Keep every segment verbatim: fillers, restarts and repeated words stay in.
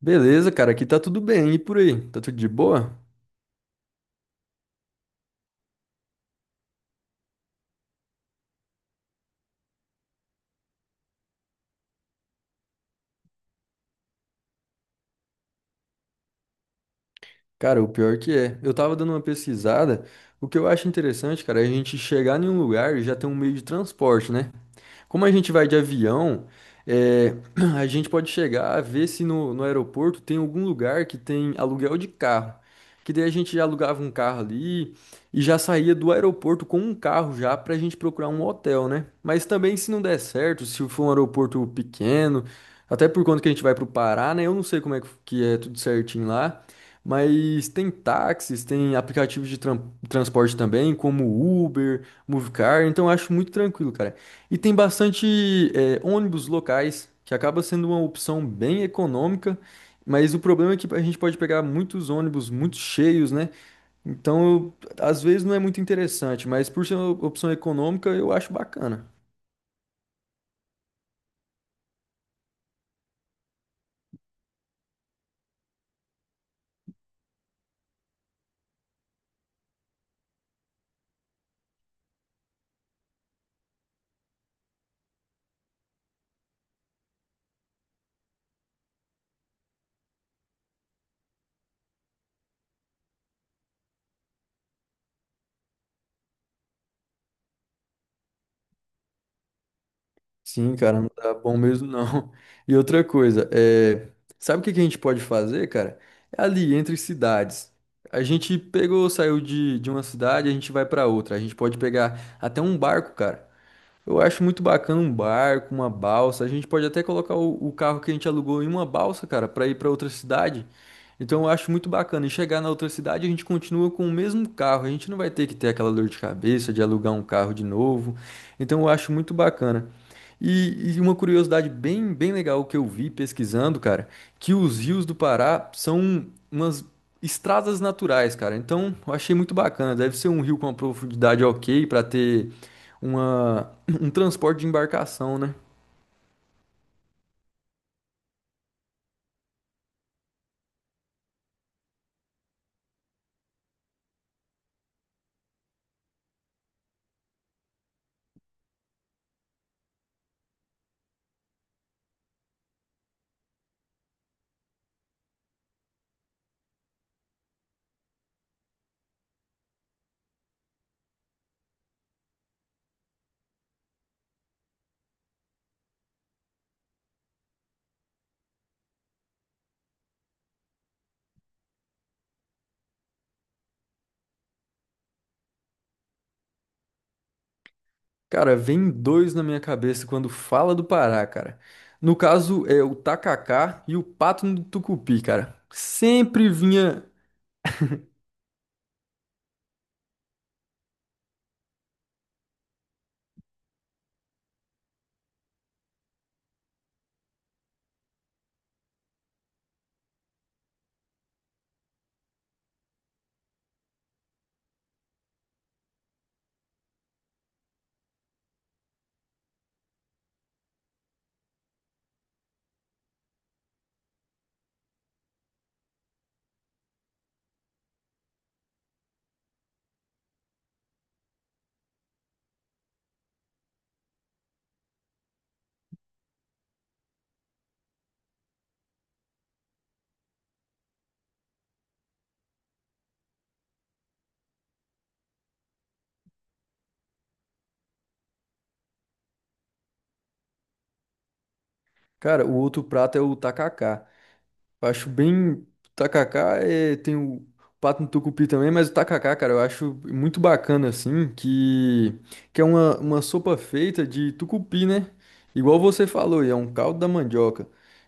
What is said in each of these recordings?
Beleza, cara, aqui tá tudo bem. E por aí? Tá tudo de boa? Cara, o pior que é. Eu tava dando uma pesquisada. O que eu acho interessante, cara, é a gente chegar em um lugar e já ter um meio de transporte, né? Como a gente vai de avião, é, a gente pode chegar a ver se no, no aeroporto tem algum lugar que tem aluguel de carro. Que daí a gente já alugava um carro ali e já saía do aeroporto com um carro já pra gente procurar um hotel, né? Mas também se não der certo, se for um aeroporto pequeno, até por conta que a gente vai pro Pará, né? Eu não sei como é que que é tudo certinho lá. Mas tem táxis, tem aplicativos de tran- transporte também, como Uber, Movecar, então eu acho muito tranquilo, cara. E tem bastante é, ônibus locais, que acaba sendo uma opção bem econômica, mas o problema é que a gente pode pegar muitos ônibus muito cheios, né? Então, eu- às vezes não é muito interessante, mas por ser uma opção econômica, eu acho bacana. Sim, cara, não tá bom mesmo não. E outra coisa, é... sabe o que que a gente pode fazer, cara? É ali entre cidades. A gente pegou, saiu de, de uma cidade, a gente vai pra outra. A gente pode pegar até um barco, cara. Eu acho muito bacana um barco, uma balsa. A gente pode até colocar o, o carro que a gente alugou em uma balsa, cara, pra ir pra outra cidade. Então eu acho muito bacana. E chegar na outra cidade, a gente continua com o mesmo carro. A gente não vai ter que ter aquela dor de cabeça de alugar um carro de novo. Então eu acho muito bacana. E, e uma curiosidade bem, bem legal que eu vi pesquisando, cara, que os rios do Pará são umas estradas naturais, cara. Então eu achei muito bacana. Deve ser um rio com uma profundidade ok para ter uma, um transporte de embarcação, né? Cara, vem dois na minha cabeça quando fala do Pará, cara. No caso, é o tacacá e o pato no tucupi, cara. Sempre vinha. Cara, o outro prato é o tacacá. Acho bem. Tacacá é... tem o pato no tucupi também, mas o tacacá, cara, eu acho muito bacana, assim, que, que é uma, uma sopa feita de tucupi, né? Igual você falou, e é um caldo da mandioca.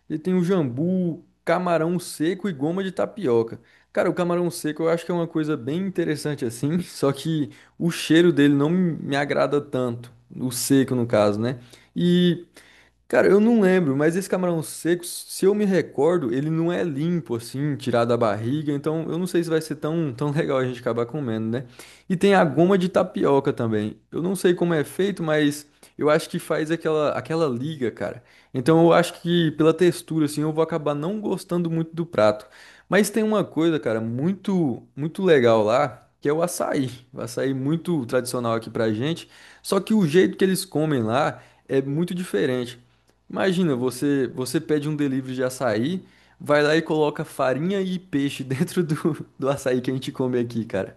E tem o jambu, camarão seco e goma de tapioca. Cara, o camarão seco eu acho que é uma coisa bem interessante, assim, só que o cheiro dele não me me agrada tanto. O seco, no caso, né? E. Cara, eu não lembro, mas esse camarão seco, se eu me recordo, ele não é limpo assim, tirado da barriga, então eu não sei se vai ser tão, tão legal a gente acabar comendo, né? E tem a goma de tapioca também. Eu não sei como é feito, mas eu acho que faz aquela, aquela liga, cara. Então eu acho que pela textura assim, eu vou acabar não gostando muito do prato. Mas tem uma coisa, cara, muito muito legal lá, que é o açaí. O açaí muito tradicional aqui pra gente, só que o jeito que eles comem lá é muito diferente. Imagina, você, você pede um delivery de açaí, vai lá e coloca farinha e peixe dentro do, do açaí que a gente come aqui, cara.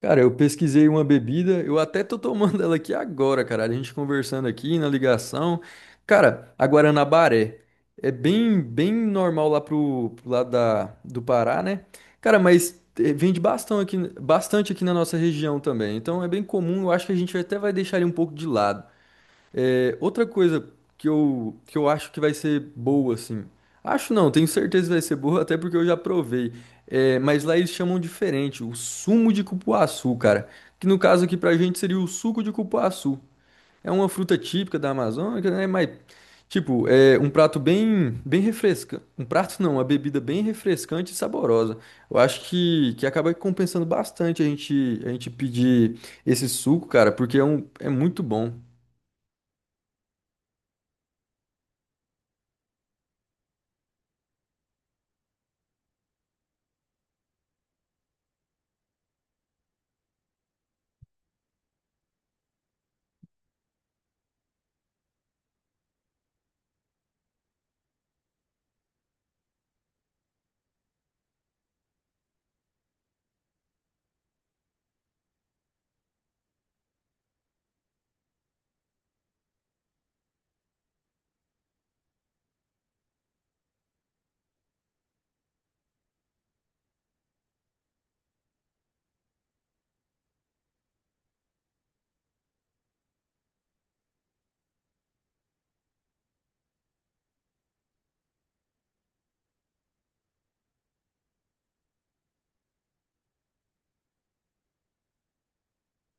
Cara, eu pesquisei uma bebida, eu até tô tomando ela aqui agora, cara. A gente conversando aqui na ligação. Cara, a Guaranabaré é bem, bem normal lá pro, pro lado da, do Pará, né? Cara, mas eh, vende bastante aqui, bastante aqui na nossa região também. Então é bem comum, eu acho que a gente até vai deixar ele um pouco de lado. É, outra coisa que eu, que eu acho que vai ser boa, assim. Acho não, tenho certeza que vai ser boa, até porque eu já provei. É, mas lá eles chamam diferente, o sumo de cupuaçu, cara. Que no caso aqui pra gente seria o suco de cupuaçu. É uma fruta típica da Amazônia, né? Mas, tipo, é um prato bem, bem refrescante. Um prato não, uma bebida bem refrescante e saborosa. Eu acho que, que acaba compensando bastante a gente, a gente pedir esse suco, cara, porque é, um, é muito bom.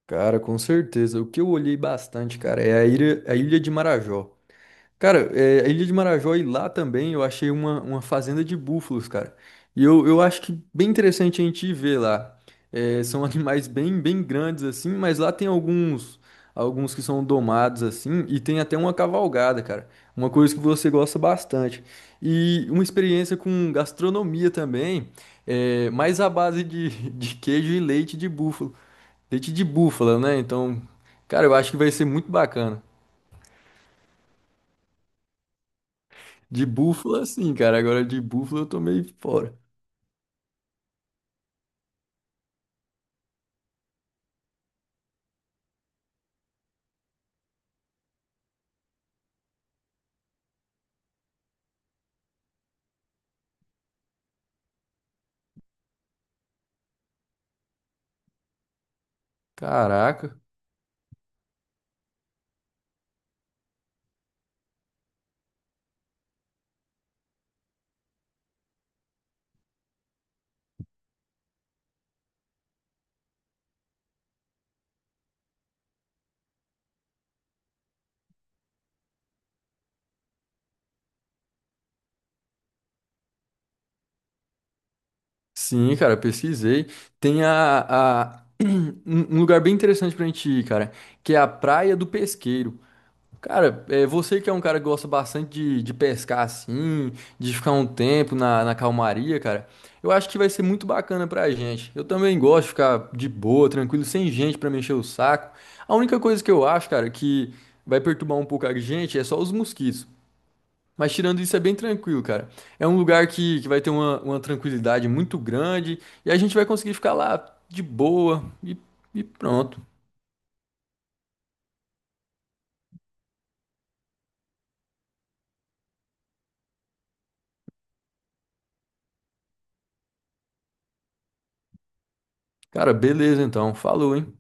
Cara, com certeza. O que eu olhei bastante, cara, é a ilha, a Ilha de Marajó. Cara, é, a Ilha de Marajó e lá também eu achei uma, uma fazenda de búfalos, cara. E eu, eu acho que bem interessante a gente ir ver lá. É, são animais bem, bem grandes assim, mas lá tem alguns, alguns que são domados assim e tem até uma cavalgada, cara. Uma coisa que você gosta bastante. E uma experiência com gastronomia também, é, mais à base de, de queijo e leite de búfalo. Leite de búfala, né? Então, cara, eu acho que vai ser muito bacana. De búfala, sim, cara. Agora de búfala eu tô meio fora. Caraca. Sim, cara, pesquisei. Tem a, a- um um lugar bem interessante pra gente ir, cara, que é a Praia do Pesqueiro. Cara, é, você que é um cara que gosta bastante de, de pescar assim, de ficar um tempo na, na calmaria, cara, eu acho que vai ser muito bacana pra gente. Eu também gosto de ficar de boa, tranquilo, sem gente pra mexer o saco. A única coisa que eu acho, cara, que vai perturbar um pouco a gente é só os mosquitos. Mas tirando isso, é bem tranquilo, cara. É um lugar que, que vai ter uma, uma tranquilidade muito grande e a gente vai conseguir ficar lá de boa e, e pronto. Cara, beleza então. Falou, hein?